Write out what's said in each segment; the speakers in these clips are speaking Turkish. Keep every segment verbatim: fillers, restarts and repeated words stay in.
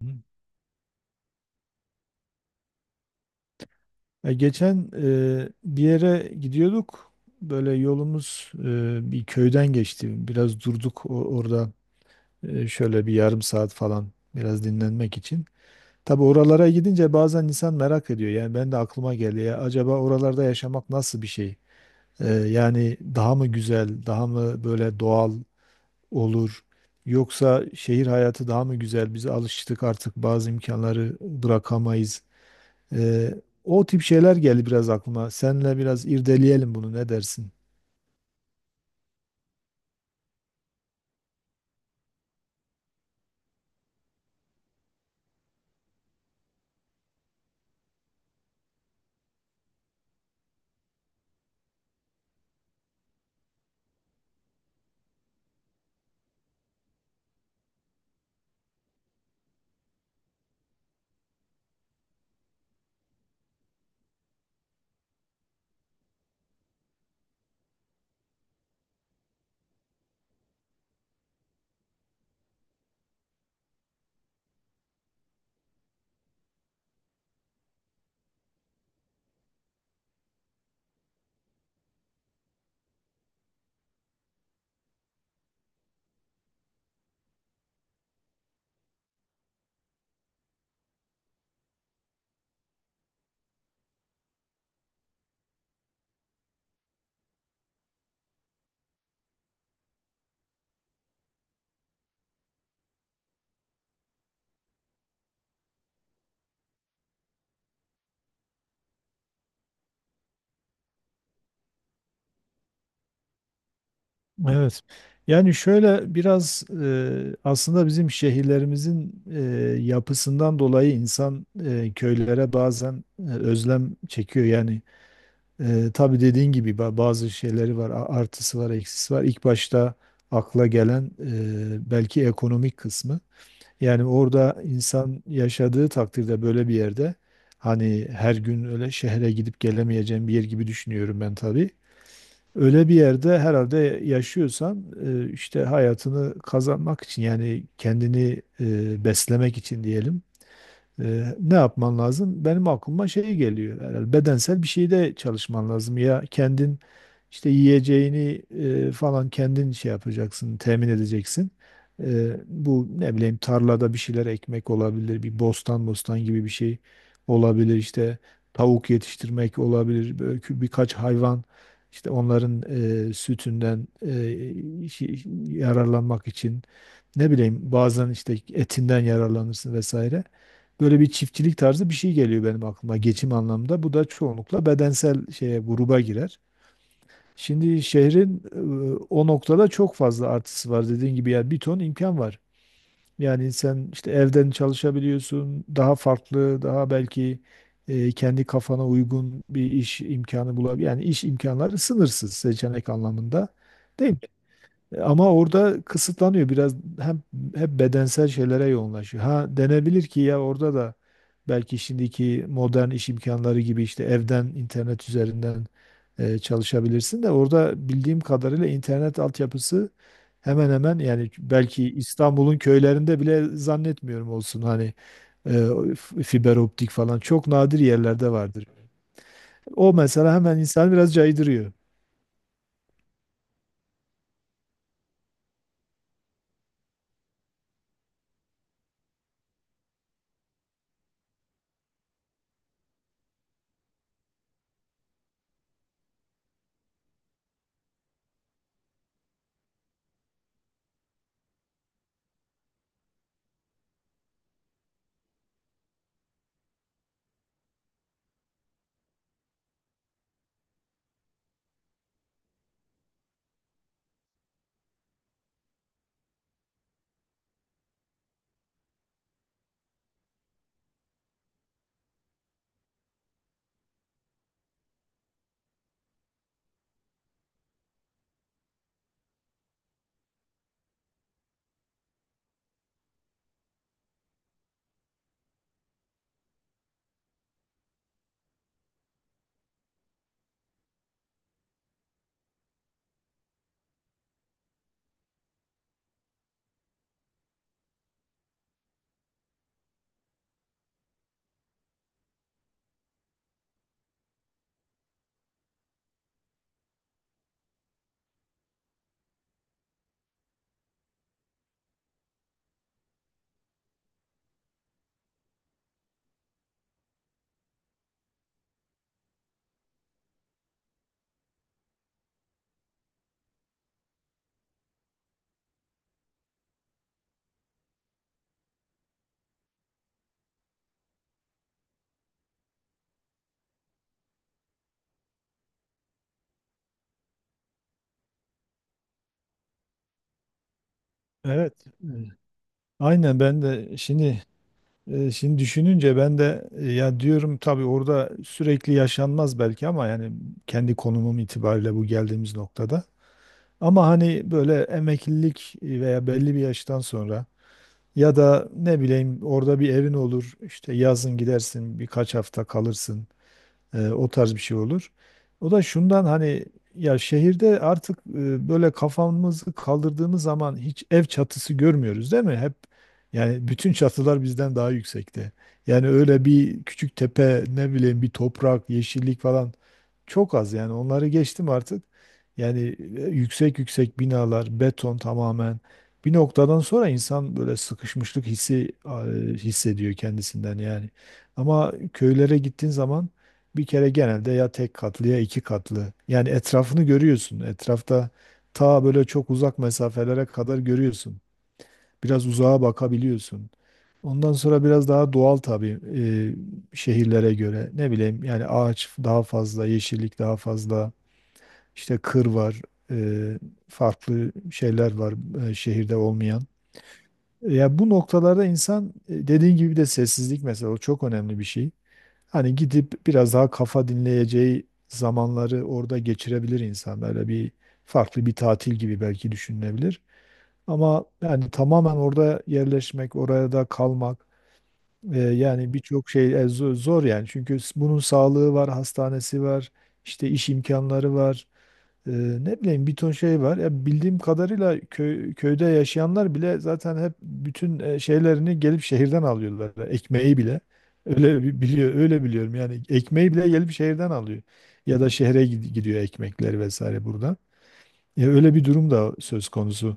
Ya geçen e, bir yere gidiyorduk. Böyle yolumuz e, bir köyden geçti. Biraz durduk o- orada e, şöyle bir yarım saat falan biraz dinlenmek için. Tabii oralara gidince bazen insan merak ediyor. Yani ben de aklıma geldi ya acaba oralarda yaşamak nasıl bir şey? E, yani daha mı güzel, daha mı böyle doğal olur? Yoksa şehir hayatı daha mı güzel? Biz alıştık artık bazı imkanları bırakamayız. Ee, o tip şeyler geldi biraz aklıma. Seninle biraz irdeleyelim bunu, ne dersin? Evet. Yani şöyle biraz e, aslında bizim şehirlerimizin e, yapısından dolayı insan e, köylere bazen e, özlem çekiyor. Yani e, tabii dediğin gibi ba- bazı şeyleri var, a- artısı var, eksisi var. İlk başta akla gelen e, belki ekonomik kısmı. Yani orada insan yaşadığı takdirde, böyle bir yerde, hani her gün öyle şehre gidip gelemeyeceğim bir yer gibi düşünüyorum ben tabii. Öyle bir yerde herhalde yaşıyorsan, e, işte hayatını kazanmak için, yani kendini e, beslemek için diyelim, ee, ne yapman lazım? Benim aklıma şey geliyor, herhalde bedensel bir şeyde çalışman lazım, ya kendin işte yiyeceğini e, falan kendin şey yapacaksın, temin edeceksin. Ee, bu ne bileyim tarlada bir şeyler ekmek olabilir, bir bostan bostan gibi bir şey olabilir, işte tavuk yetiştirmek olabilir, böyle kü- birkaç hayvan, işte onların e, sütünden e, şey- yararlanmak için, ne bileyim bazen işte etinden yararlanırsın vesaire. Böyle bir çiftçilik tarzı bir şey geliyor benim aklıma geçim anlamda. Bu da çoğunlukla bedensel şeye gruba girer. Şimdi şehrin e, o noktada çok fazla artısı var dediğin gibi, yani bir ton imkan var. Yani sen işte evden çalışabiliyorsun, daha farklı, daha belki e, kendi kafana uygun bir iş imkanı bulabilir. Yani iş imkanları sınırsız seçenek anlamında, değil mi? E, Ama orada kısıtlanıyor biraz, hem hep bedensel şeylere yoğunlaşıyor. Ha, denebilir ki ya orada da belki şimdiki modern iş imkanları gibi işte evden internet üzerinden e, çalışabilirsin de, orada bildiğim kadarıyla internet altyapısı hemen hemen yani belki İstanbul'un köylerinde bile zannetmiyorum olsun, hani e, f- fiber optik falan çok nadir yerlerde vardır. O mesela hemen insan biraz caydırıyor. Evet, e, aynen, ben de şimdi e, şimdi düşününce ben de e, ya diyorum, tabii orada sürekli yaşanmaz belki, ama yani kendi konumum itibariyle bu geldiğimiz noktada. Ama hani böyle emeklilik veya belli bir yaştan sonra ya da ne bileyim, orada bir evin olur. İşte yazın gidersin, birkaç hafta kalırsın. Eee, o tarz bir şey olur. O da şundan, hani ya şehirde artık e, böyle kafamızı kaldırdığımız zaman hiç ev çatısı görmüyoruz, değil mi? Hep, yani bütün çatılar bizden daha yüksekte. Yani öyle bir küçük tepe, ne bileyim bir toprak, yeşillik falan çok az, yani onları geçtim artık. Yani e, yüksek yüksek binalar, beton tamamen. Bir noktadan sonra insan böyle sıkışmışlık hissi e, hissediyor kendisinden yani. Ama köylere gittiğin zaman bir kere genelde ya tek katlı ya iki katlı. Yani etrafını görüyorsun. Etrafta ta böyle çok uzak mesafelere kadar görüyorsun. Biraz uzağa bakabiliyorsun. Ondan sonra biraz daha doğal tabii e, şehirlere göre. Ne bileyim, yani ağaç daha fazla, yeşillik daha fazla, işte kır var, e, farklı şeyler var e, şehirde olmayan. Ya bu noktalarda insan e, dediğin gibi de sessizlik mesela, o çok önemli bir şey. Hani gidip biraz daha kafa dinleyeceği zamanları orada geçirebilir insan. Böyle bir farklı bir tatil gibi belki düşünülebilir. Ama yani tamamen orada yerleşmek, oraya da kalmak, e, yani birçok şey e, zo- zor yani. Çünkü s- bunun sağlığı var, hastanesi var, işte iş imkanları var. Ee, ne bileyim bir ton şey var. Ya bildiğim kadarıyla köy, köyde yaşayanlar bile zaten hep bütün e, şeylerini gelip şehirden alıyorlar. Ekmeği bile. Öyle bi- biliyor, öyle biliyorum. Yani ekmeği bile gelip şehirden alıyor. Ya da şehre gid- gidiyor ekmekleri vesaire burada. Ya öyle bir durum da söz konusu.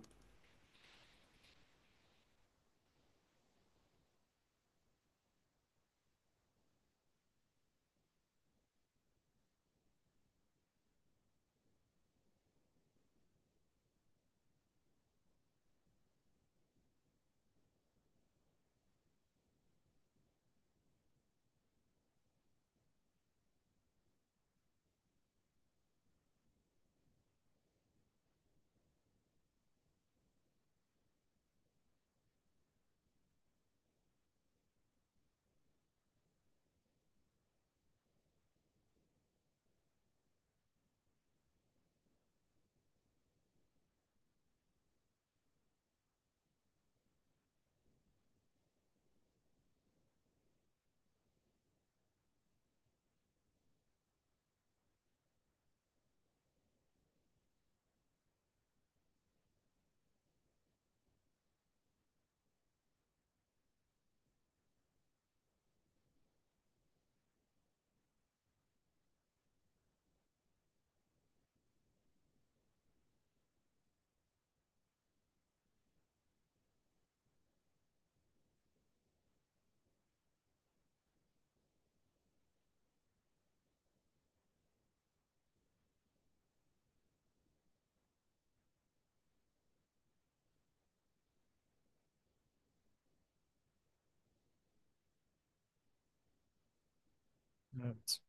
Evet.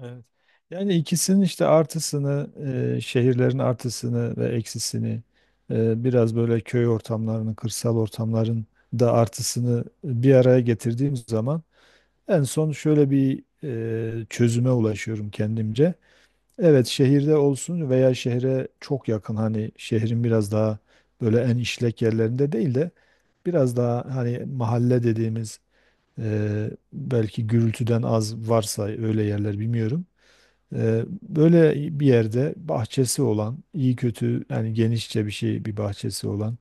Evet. Yani ikisinin işte artısını, e, şehirlerin artısını ve eksisini, e, biraz böyle köy ortamlarının, kırsal ortamların da artısını bir araya getirdiğim zaman en son şöyle bir e, çözüme ulaşıyorum kendimce. Evet, şehirde olsun veya şehre çok yakın, hani şehrin biraz daha böyle en işlek yerlerinde değil de biraz daha hani mahalle dediğimiz, e, belki gürültüden az varsa öyle yerler, bilmiyorum. Eee, Böyle bir yerde bahçesi olan, iyi kötü yani genişçe bir şey, bir bahçesi olan,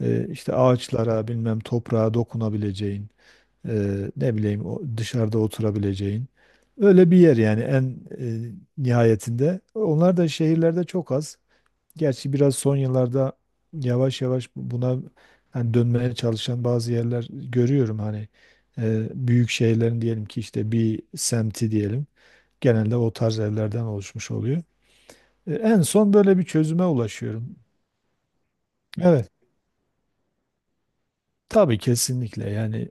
eee, işte ağaçlara bilmem, toprağa dokunabileceğin, eee, ne bileyim o dışarıda oturabileceğin öyle bir yer, yani en eee, nihayetinde. Onlar da şehirlerde çok az. Gerçi biraz son yıllarda yavaş yavaş buna hani dönmeye çalışan bazı yerler görüyorum, hani eee, büyük şehirlerin diyelim ki işte bir semti diyelim. Genelde o tarz evlerden oluşmuş oluyor. E, En son böyle bir çözüme ulaşıyorum. Evet, tabii, kesinlikle, yani.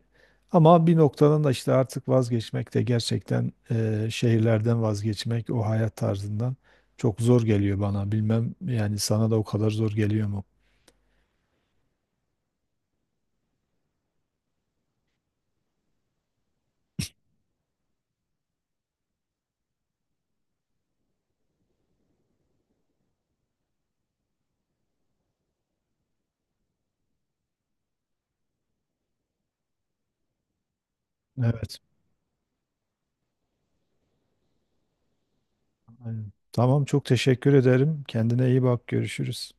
Ama bir noktadan da işte artık vazgeçmek de, gerçekten e, şehirlerden vazgeçmek o hayat tarzından, çok zor geliyor bana. Bilmem, yani sana da o kadar zor geliyor mu? Evet. Aynen. Tamam, çok teşekkür ederim. Kendine iyi bak. Görüşürüz.